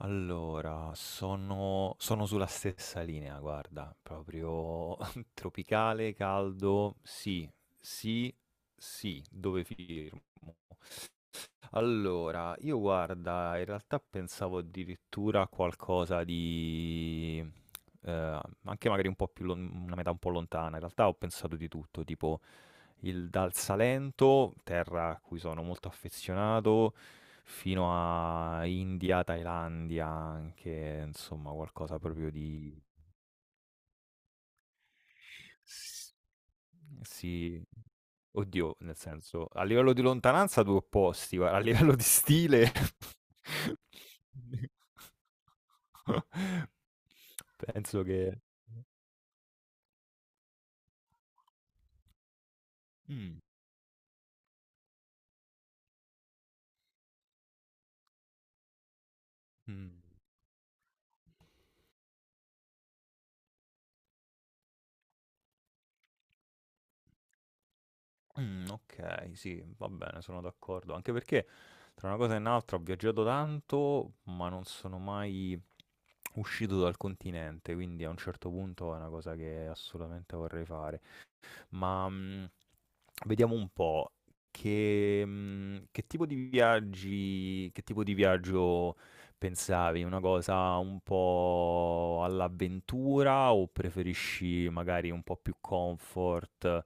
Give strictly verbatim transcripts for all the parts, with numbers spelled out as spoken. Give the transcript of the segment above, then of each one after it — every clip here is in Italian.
Allora, sono, sono sulla stessa linea, guarda, proprio tropicale, caldo, sì, sì, sì, dove firmo? Allora, io guarda, in realtà pensavo addirittura a qualcosa di... eh, anche magari un po' più, lon- una metà un po' lontana, in realtà ho pensato di tutto, tipo il- dal Salento, terra a cui sono molto affezionato, fino a India, Thailandia, anche insomma qualcosa proprio di... s- Sì, oddio, nel senso, a livello di lontananza due opposti, guarda, a livello di stile... Penso che... Mm, mm. Mh, okay, sì, va bene, sono d'accordo. Anche perché tra una cosa e un'altra ho viaggiato tanto, ma non sono mai uscito dal continente, quindi a un certo punto è una cosa che assolutamente vorrei fare. Ma, mhmm, vediamo un po', che mhmm, che tipo di viaggi che tipo di viaggio pensavi? Una cosa un po' all'avventura o preferisci magari un po' più comfort?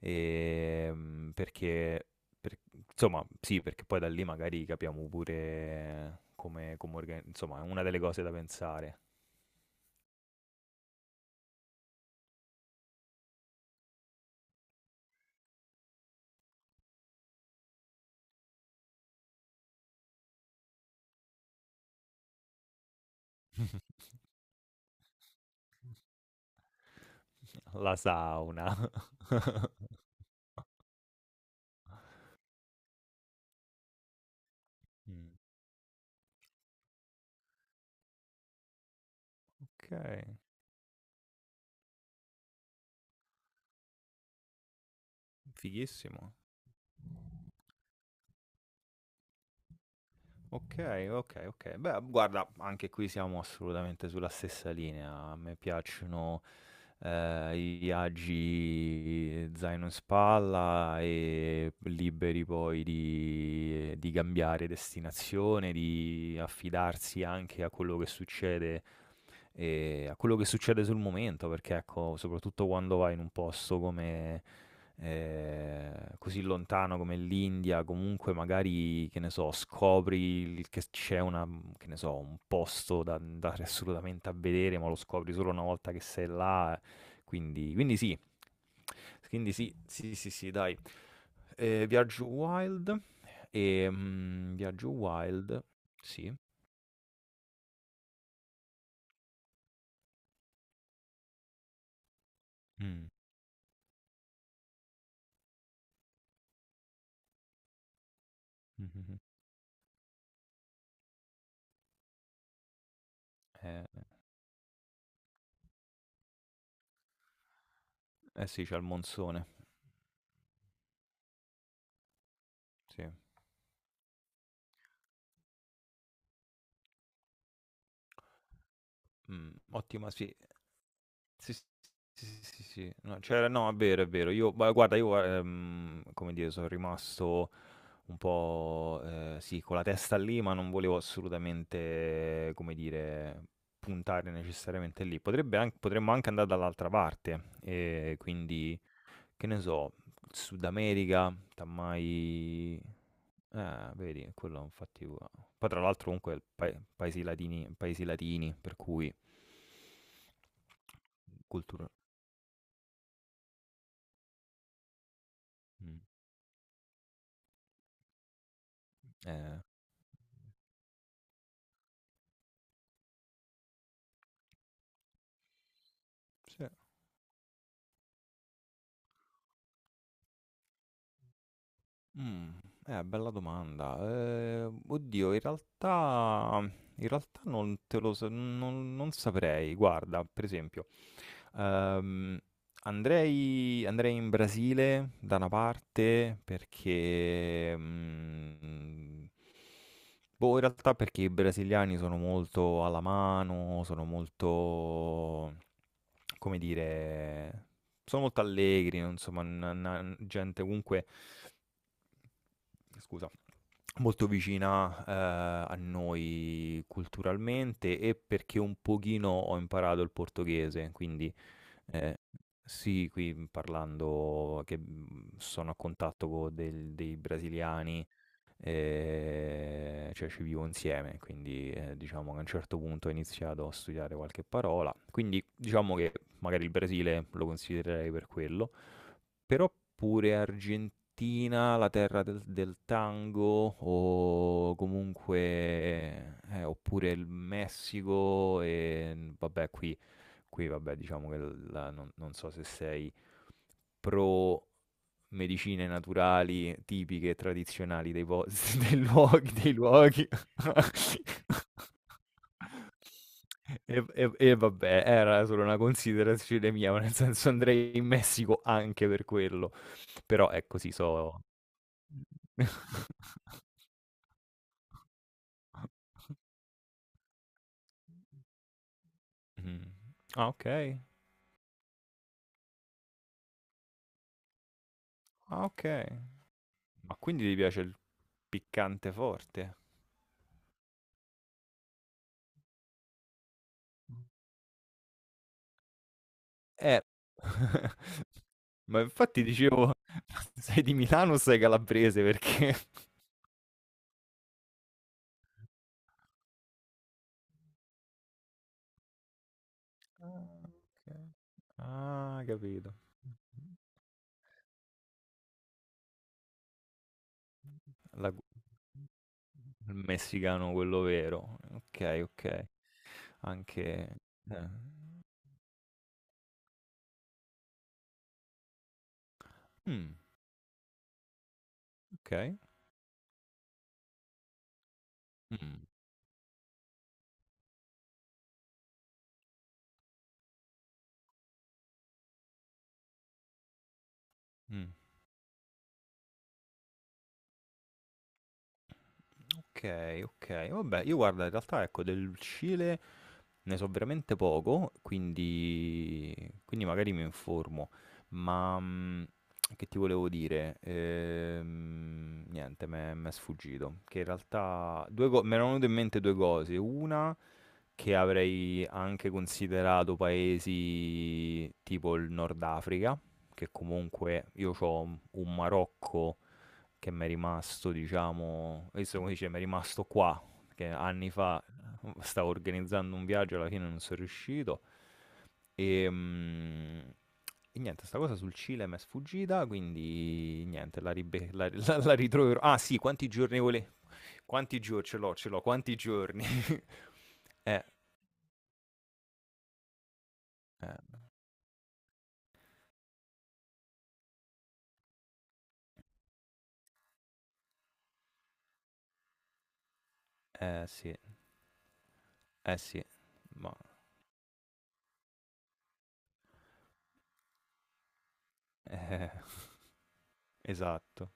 Ehm, perché per insomma, sì, perché poi da lì magari capiamo pure come come orga insomma, è una delle cose da pensare. La sauna. Mh, okay. Fighissimo. Ok, ok, ok. Beh, guarda, anche qui siamo assolutamente sulla stessa linea. A me piacciono eh, i viaggi zaino in spalla e liberi poi di, di cambiare destinazione, di affidarsi anche a quello che succede e a quello che succede sul momento, perché ecco, soprattutto quando vai in un posto come eh, così lontano come l'India, comunque magari, che ne so, scopri il- che c'è una, che ne so, un posto da da andare assolutamente a vedere, ma lo scopri solo una volta che sei là, quindi, quindi sì. Quindi sì, sì, sì, sì, dai. Eh, Viaggio Wild e mm, Viaggio Wild, sì. Mm. Mhm. Eh, eh sì, c'è il monsone, sì. Mh, ottima sì. Sì, sì, sì, sì, sì. No, c'era no, è vero, è vero. Io ma guarda, io, ehm, come dire, sono rimasto un po', ehm, sì, con la testa lì, ma non volevo assolutamente, come dire, puntare necessariamente lì. Potrebbe anc potremmo anche andare dall'altra parte, ehm, quindi, che ne so, Sud America, tammai eh, vedi, quello infatti u poi tra l'altro comunque il pae paesi latini, paesi latini, per cui cultura mh, eh. Sì. Mh, eh, bella domanda. Ehm, oddio in realtà in realtà non te lo so non non saprei. Guarda, per esempio Ehm, andrei andrei in Brasile da una parte perché, mhmm, boh, in realtà perché i brasiliani sono molto alla mano, sono molto come dire, sono molto allegri, non insomma, n na gente comunque scusa, molto vicina eh, a noi culturalmente e perché un pochino ho imparato il portoghese, quindi eh, sì, qui parlando che mm, sono a contatto con del- dei brasiliani, eh, cioè ci vivo insieme, quindi eh, diciamo che a un certo punto ho iniziato a studiare qualche parola, quindi diciamo che magari il Brasile lo considererei per quello. Però pure Argentina, la terra del del tango o comunque eh, oppure il Messico e vabbè qui qui vabbè diciamo che la- non non so se sei pro medicine naturali tipiche e tradizionali dei, pos- dei luoghi, dei luoghi e e e vabbè, era solo una considerazione mia, ma nel senso andrei in Messico anche per quello. Però ecco sì, so mh. Ah okay, ah okay. Ma quindi ti piace il piccante forte? Eh. Ma infatti dicevo, sei di Milano o sei calabrese perché... Ah okay. Ah capito. La gu Il messicano quello vero. Okay, okay. Anche eh. Mh, okay. Mh, mh. Okay, okay. Vabbè, io guarda in realtà ecco del Cile ne so veramente poco, quindi, quindi magari mi informo. Ma mm, che ti volevo dire? Ehm, niente, mi è sfuggito. Che in realtà due co- mi erano venute in mente due cose. Una che avrei anche considerato paesi tipo il Nord Africa, che comunque io ho un Marocco che m'è rimasto diciamo questo come dice, m'è rimasto qua, che anni fa eh, stavo organizzando un viaggio, alla fine non son riuscito. Ehm, e niente, 'sta cosa sul Cile m'è sfuggita, quindi niente, la ribe la la la ritroverò. Ah sì, quanti giorni vole quanti gio ce l'ho, ce l'ho, quanti giorni. Eh, eh, eh sì, eh sì, ma eh, esatto.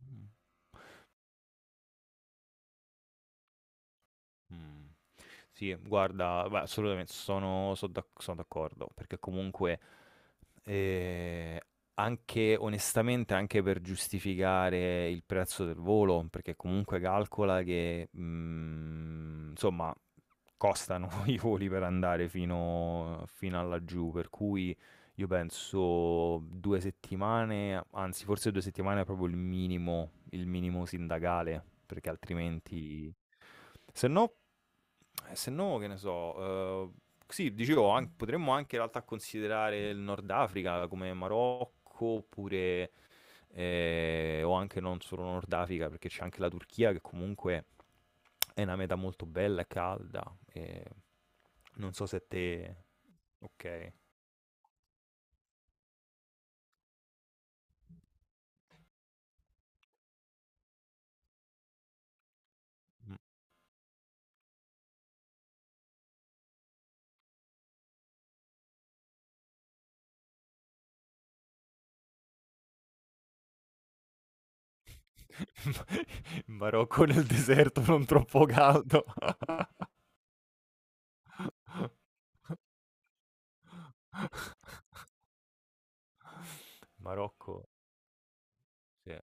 Mh, mh. Sì, guarda, beh, assolutamente sono, so d'ac- sono d'accordo, perché comunque eh, anche onestamente, anche per giustificare il prezzo del volo, perché comunque calcola che mm, insomma costano i voli per andare fino, fino a laggiù, per cui io penso due settimane, anzi forse due settimane è proprio il minimo, il minimo sindacale, perché altrimenti... Se no, eh, se no, che ne so, eh, sì, dicevo, an- potremmo anche in realtà considerare il Nord Africa come Marocco, oppure, eh, o anche non solo Nord Africa, perché c'è anche la Turchia che comunque è una meta molto bella e calda. E... Non so se te... Ok. In Marocco nel deserto non troppo caldo. Marocco, sì.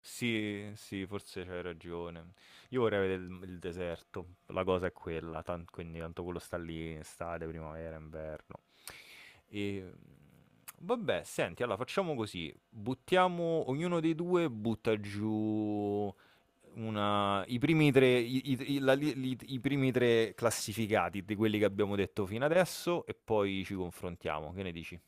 Sì, sì, forse c'hai ragione. Io vorrei vedere il, il deserto, la cosa è quella, tan- quindi tanto quello sta lì in estate, primavera, inverno. E mm, vabbè, senti, allora facciamo così, buttiamo, ognuno dei due butta giù una- i, primi tre, i, i- i- la li- li- i primi tre classificati di quelli che abbiamo detto fino adesso e poi ci confrontiamo. Che ne dici?